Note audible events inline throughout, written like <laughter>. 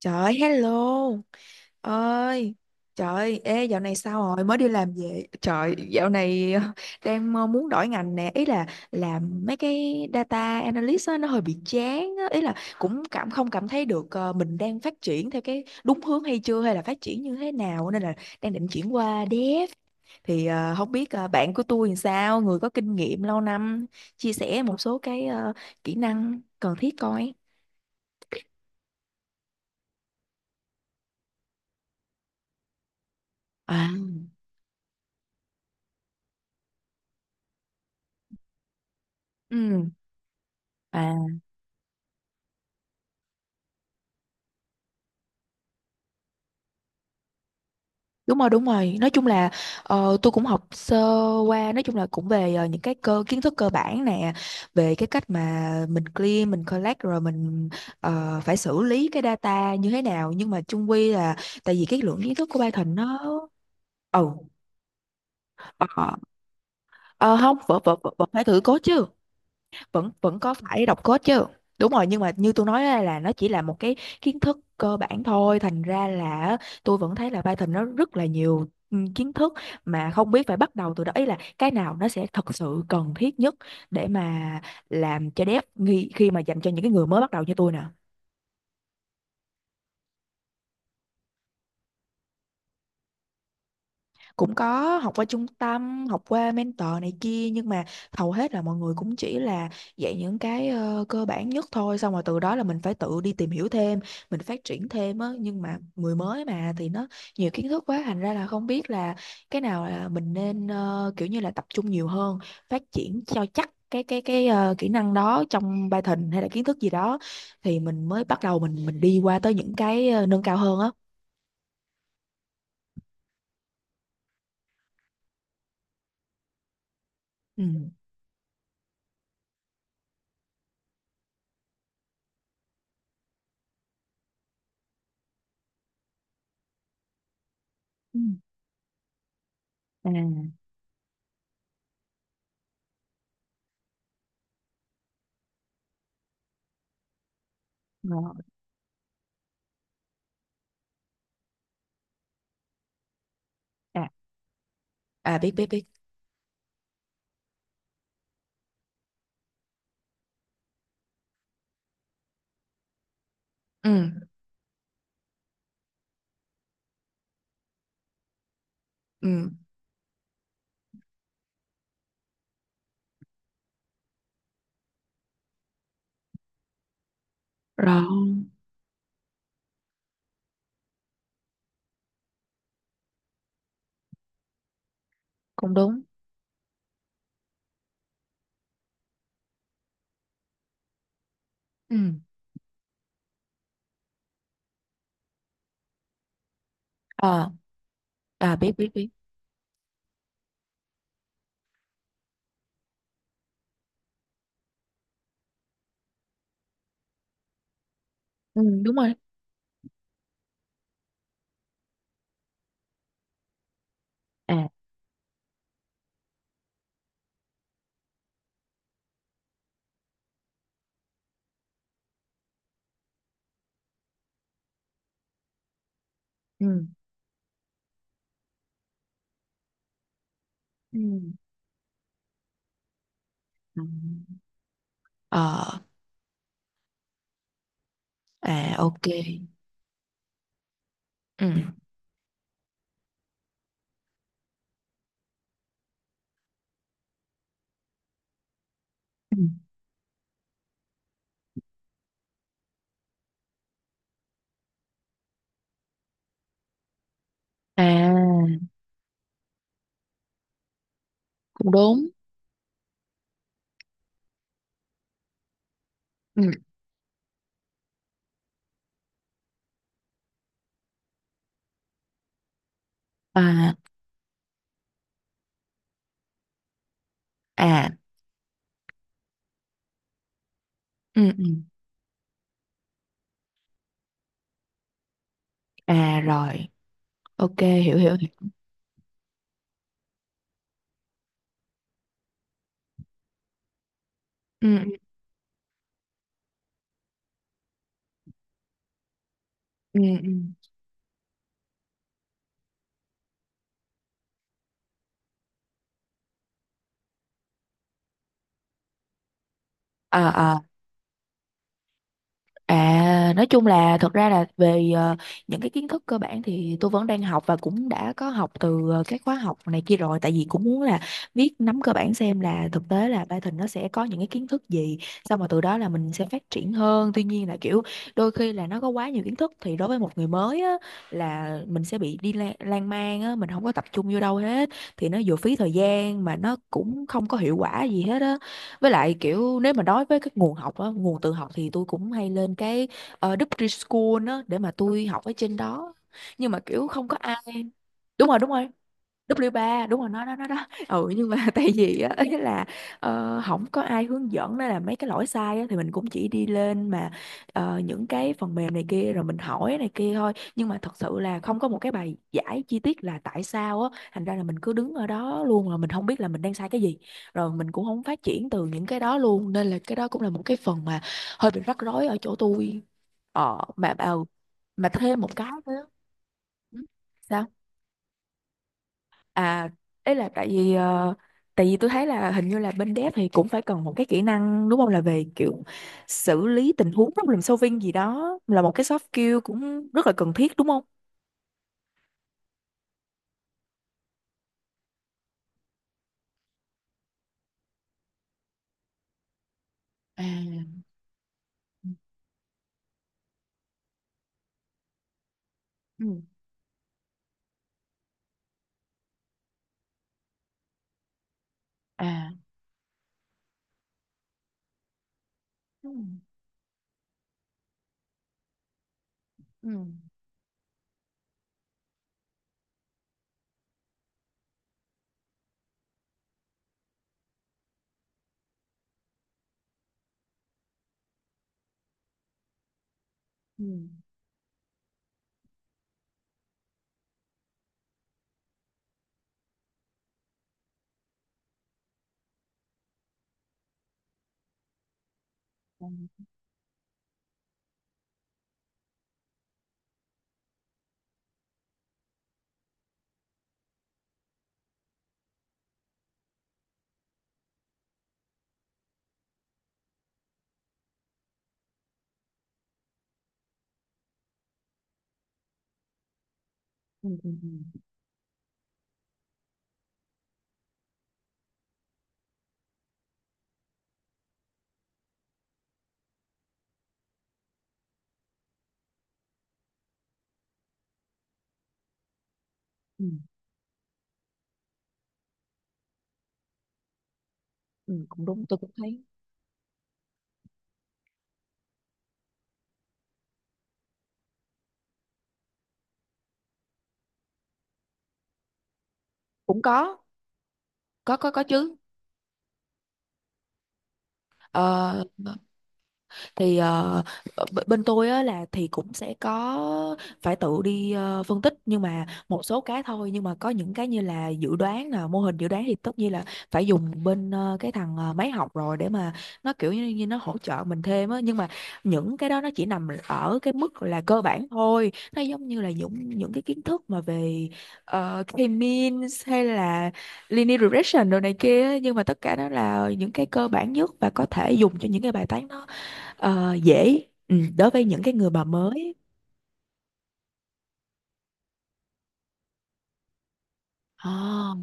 Trời ơi, hello ơi! Trời ơi, ê dạo này sao rồi, mới đi làm về? Trời, dạo này <laughs> đang muốn đổi ngành nè. Ý là làm mấy cái data analyst á, nó hơi bị chán á. Ý là cũng cảm không cảm thấy được mình đang phát triển theo cái đúng hướng hay chưa, hay là phát triển như thế nào. Nên là đang định chuyển qua dev. Thì không biết bạn của tôi làm sao, người có kinh nghiệm lâu năm chia sẻ một số cái kỹ năng cần thiết coi. À, ừ. À. Đúng rồi, đúng rồi. Nói chung là tôi cũng học sơ qua, nói chung là cũng về những cái cơ kiến thức cơ bản nè, về cái cách mà mình clean, mình collect rồi mình phải xử lý cái data như thế nào. Nhưng mà chung quy là tại vì cái lượng kiến thức của Python nó ừ. ờ, ờ, Không, vẫn vẫn vẫn vẫn phải thử code chứ. Vẫn vẫn có phải đọc code chứ. Đúng rồi, nhưng mà như tôi nói á, là nó chỉ là một cái kiến thức cơ bản thôi, thành ra là tôi vẫn thấy là Python nó rất là nhiều kiến thức, mà không biết phải bắt đầu từ đó. Ý là cái nào nó sẽ thật sự cần thiết nhất để mà làm cho dev khi mà dành cho những cái người mới bắt đầu như tôi nè. Cũng có học qua trung tâm, học qua mentor này kia, nhưng mà hầu hết là mọi người cũng chỉ là dạy những cái cơ bản nhất thôi, xong rồi từ đó là mình phải tự đi tìm hiểu thêm, mình phát triển thêm á. Nhưng mà người mới mà thì nó nhiều kiến thức quá, thành ra là không biết là cái nào là mình nên kiểu như là tập trung nhiều hơn, phát triển cho chắc cái kỹ năng đó trong Python hay là kiến thức gì đó, thì mình mới bắt đầu mình đi qua tới những cái nâng cao hơn á. Ừ. Ừ. À, rồi. À, à, biết biết biết. Ừ. Ừ. Rồi. Cũng đúng. Ừ. Ờ. À, biết biết biết. Ừ, đúng rồi. À. ừ. Ừ. Ừ. Ờ. À, ok. Ừ. Ừ. À. Cũng đúng. Ừ. À. À. Ừ. Ừ. À. Rồi. Ok, hiểu hiểu hiểu. Ừ, ừ. Ừ. Ừ. À, à. À, nói chung là thật ra là về những cái kiến thức cơ bản thì tôi vẫn đang học, và cũng đã có học từ các khóa học này kia rồi, tại vì cũng muốn là biết nắm cơ bản xem là thực tế là Python nó sẽ có những cái kiến thức gì, xong rồi từ đó là mình sẽ phát triển hơn. Tuy nhiên là kiểu đôi khi là nó có quá nhiều kiến thức thì đối với một người mới á, là mình sẽ bị đi lan man á, mình không có tập trung vô đâu hết, thì nó vừa phí thời gian mà nó cũng không có hiệu quả gì hết á. Với lại kiểu, nếu mà nói với các nguồn học á, nguồn tự học, thì tôi cũng hay lên cái Đức Preschool á để mà tôi học ở trên đó, nhưng mà kiểu không có ai. Đúng rồi, đúng rồi. W3 đúng rồi, nó đó, đó đó. Ừ nhưng mà <laughs> tại vì á, ý là không có ai hướng dẫn nên là mấy cái lỗi sai á, thì mình cũng chỉ đi lên mà những cái phần mềm này kia rồi mình hỏi này kia thôi, nhưng mà thật sự là không có một cái bài giải chi tiết là tại sao á, thành ra là mình cứ đứng ở đó luôn, là mình không biết là mình đang sai cái gì, rồi mình cũng không phát triển từ những cái đó luôn. Nên là cái đó cũng là một cái phần mà hơi bị rắc rối ở chỗ tôi. ờ mà mà mà thêm một cái nữa. Ừ, sao? À, đấy là tại vì tại vì tôi thấy là hình như là bên dev thì cũng phải cần một cái kỹ năng đúng không, là về kiểu xử lý tình huống, problem solving gì đó, là một cái soft skill cũng rất là cần thiết đúng không? À. Ừ. À. Ừ. Ừ. Ừ. Ừ. Ừ. Ừ, ừ, ừ, cũng đúng, tôi cũng thấy. Cũng có, có chứ. Ờ, thì bên tôi á là thì cũng sẽ có phải tự đi phân tích, nhưng mà một số cái thôi. Nhưng mà có những cái như là dự đoán nè, mô hình dự đoán, thì tất nhiên là phải dùng bên cái thằng máy học rồi để mà nó kiểu như, như nó hỗ trợ mình thêm á. Nhưng mà những cái đó nó chỉ nằm ở cái mức là cơ bản thôi, nó giống như là những cái kiến thức mà về uh, K-means hay là linear regression đồ này kia á. Nhưng mà tất cả đó là những cái cơ bản nhất và có thể dùng cho những cái bài toán đó. Ờ, dễ. Ừ, đối với những cái người mà mới. À.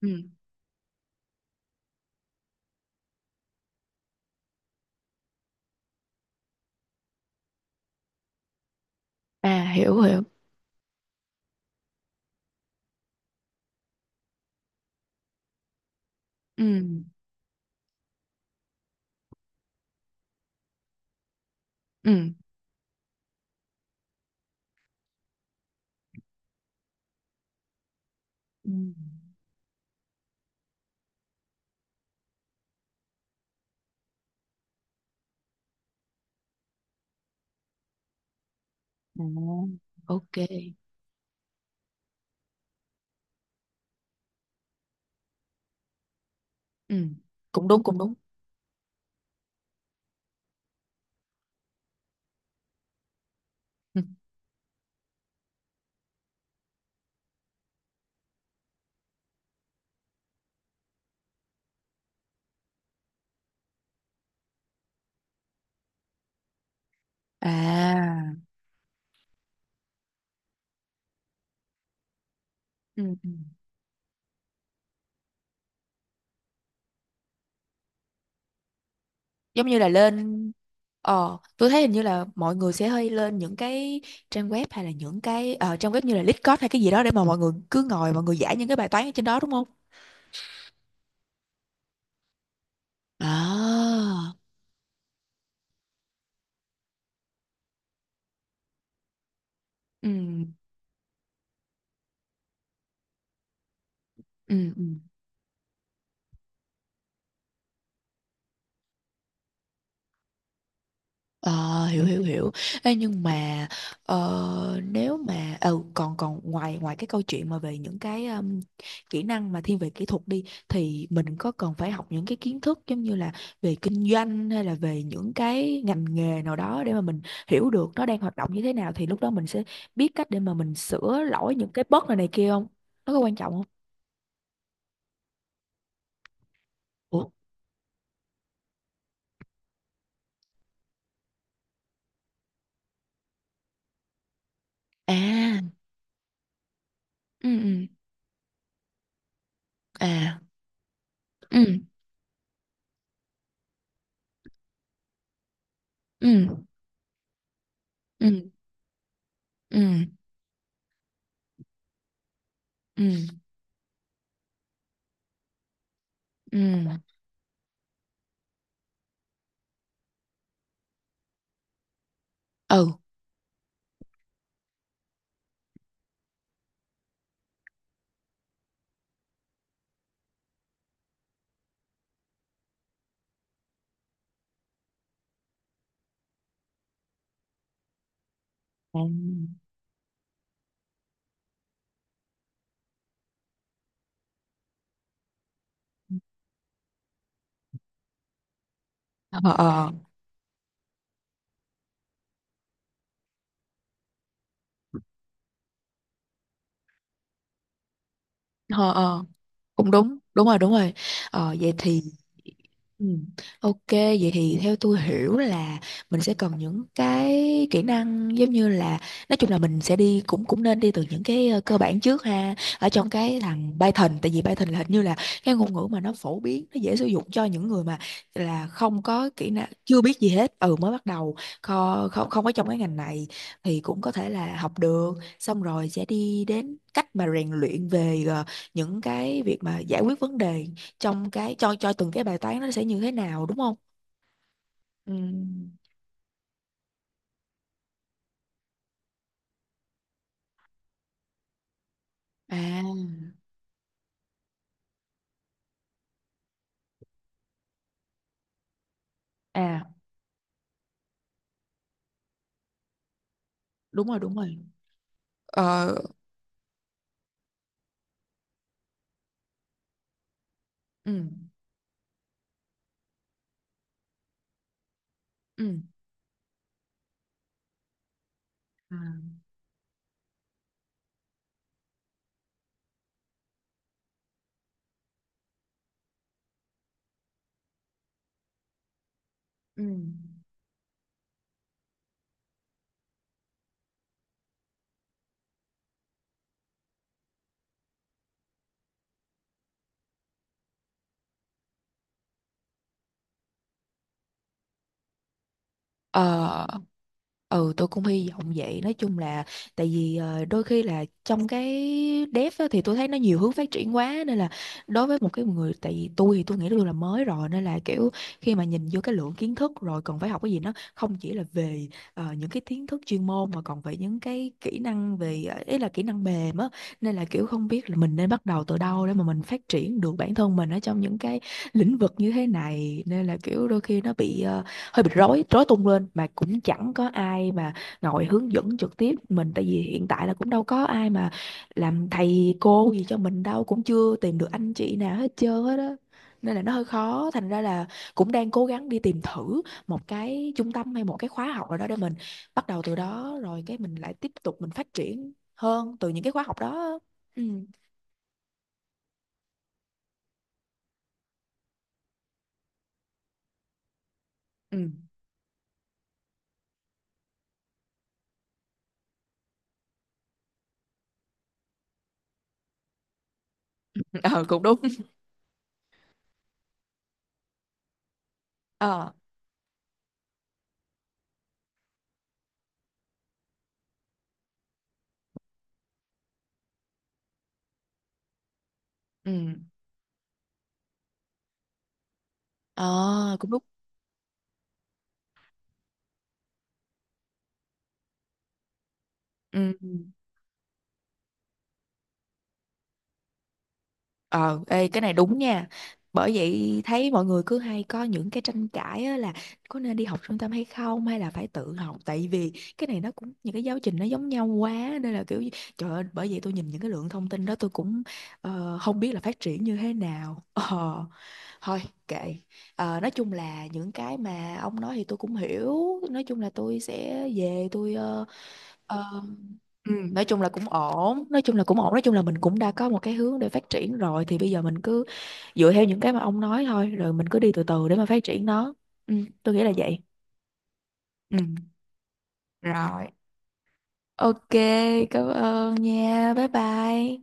Ừ. À, hiểu hiểu. Ừ. Ừ. Ừ. À, ok. Ừ. Cũng đúng, cũng đúng. Ừ. À. Ừ. Ừ. Giống như là lên. Ờ, tôi thấy hình như là mọi người sẽ hay lên những cái trang web, hay là những cái trang web như là Discord hay cái gì đó, để mà mọi người cứ ngồi mọi người giải những cái bài toán ở trên đó đúng không? À. Ừ. Ừ. Ừ. Ờ, hiểu hiểu hiểu. Ê, nhưng mà nếu mà còn còn ngoài ngoài cái câu chuyện mà về những cái kỹ năng mà thiên về kỹ thuật đi, thì mình có cần phải học những cái kiến thức giống như là về kinh doanh hay là về những cái ngành nghề nào đó để mà mình hiểu được nó đang hoạt động như thế nào, thì lúc đó mình sẽ biết cách để mà mình sửa lỗi những cái bug này này kia không? Nó có quan trọng không? Ủa? À, ừ ừ. À. Ừ. Ừ. Ừ. Ừ. Ừ. Ừ. Ừ. À. Ờ. Ờ. Ờ, ờ, cũng đúng, đúng rồi, đúng rồi. Ờ, vậy thì. Ừ. Ok, vậy thì theo tôi hiểu là mình sẽ cần những cái kỹ năng giống như là, nói chung là mình sẽ đi, cũng cũng nên đi từ những cái cơ bản trước ha, ở trong cái thằng Python, tại vì Python là hình như là cái ngôn ngữ mà nó phổ biến, nó dễ sử dụng cho những người mà là không có kỹ năng, chưa biết gì hết. Ừ, mới bắt đầu, không không có trong cái ngành này, thì cũng có thể là học được. Xong rồi sẽ đi đến cách mà rèn luyện về những cái việc mà giải quyết vấn đề trong cái, cho từng cái bài toán nó sẽ như thế nào đúng không? Ừ. À. À. Đúng rồi, đúng rồi. Ờ. Ừ. Ừ. À, ừ. Ờ, ừ, tôi cũng hy vọng vậy. Nói chung là tại vì đôi khi là trong cái dev á, thì tôi thấy nó nhiều hướng phát triển quá, nên là đối với một cái người, tại vì tôi thì tôi nghĩ tôi là mới rồi, nên là kiểu khi mà nhìn vô cái lượng kiến thức rồi cần phải học cái gì, nó không chỉ là về những cái kiến thức chuyên môn mà còn về những cái kỹ năng về ý là kỹ năng mềm á, nên là kiểu không biết là mình nên bắt đầu từ đâu để mà mình phát triển được bản thân mình ở trong những cái lĩnh vực như thế này. Nên là kiểu đôi khi nó bị hơi bị rối, rối tung lên, mà cũng chẳng có ai mà ngồi hướng dẫn trực tiếp mình, tại vì hiện tại là cũng đâu có ai mà làm thầy cô gì cho mình đâu, cũng chưa tìm được anh chị nào hết trơn hết á, nên là nó hơi khó. Thành ra là cũng đang cố gắng đi tìm thử một cái trung tâm hay một cái khóa học nào đó để mình bắt đầu từ đó, rồi cái mình lại tiếp tục mình phát triển hơn từ những cái khóa học đó. Ừ. Ừ. <laughs> Ờ, cũng đúng. Ờ. Ừ. Ờ, cũng đúng. Ừ. Ờ, ê, cái này đúng nha. Bởi vậy thấy mọi người cứ hay có những cái tranh cãi á, là có nên đi học trung tâm hay không, hay là phải tự học, tại vì cái này nó cũng, những cái giáo trình nó giống nhau quá, nên là kiểu gì-. Trời ơi, bởi vậy tôi nhìn những cái lượng thông tin đó tôi cũng không biết là phát triển như thế nào. <laughs> Ờ, thôi kệ. Ờ, nói chung là những cái mà ông nói thì tôi cũng hiểu, nói chung là tôi sẽ về tôi uh, ừ, nói chung là cũng ổn, nói chung là cũng ổn, nói chung là mình cũng đã có một cái hướng để phát triển rồi, thì bây giờ mình cứ dựa theo những cái mà ông nói thôi, rồi mình cứ đi từ từ để mà phát triển nó. Ừ, tôi nghĩ là vậy. Ừ. Rồi. Ok, cảm ơn nha, bye bye.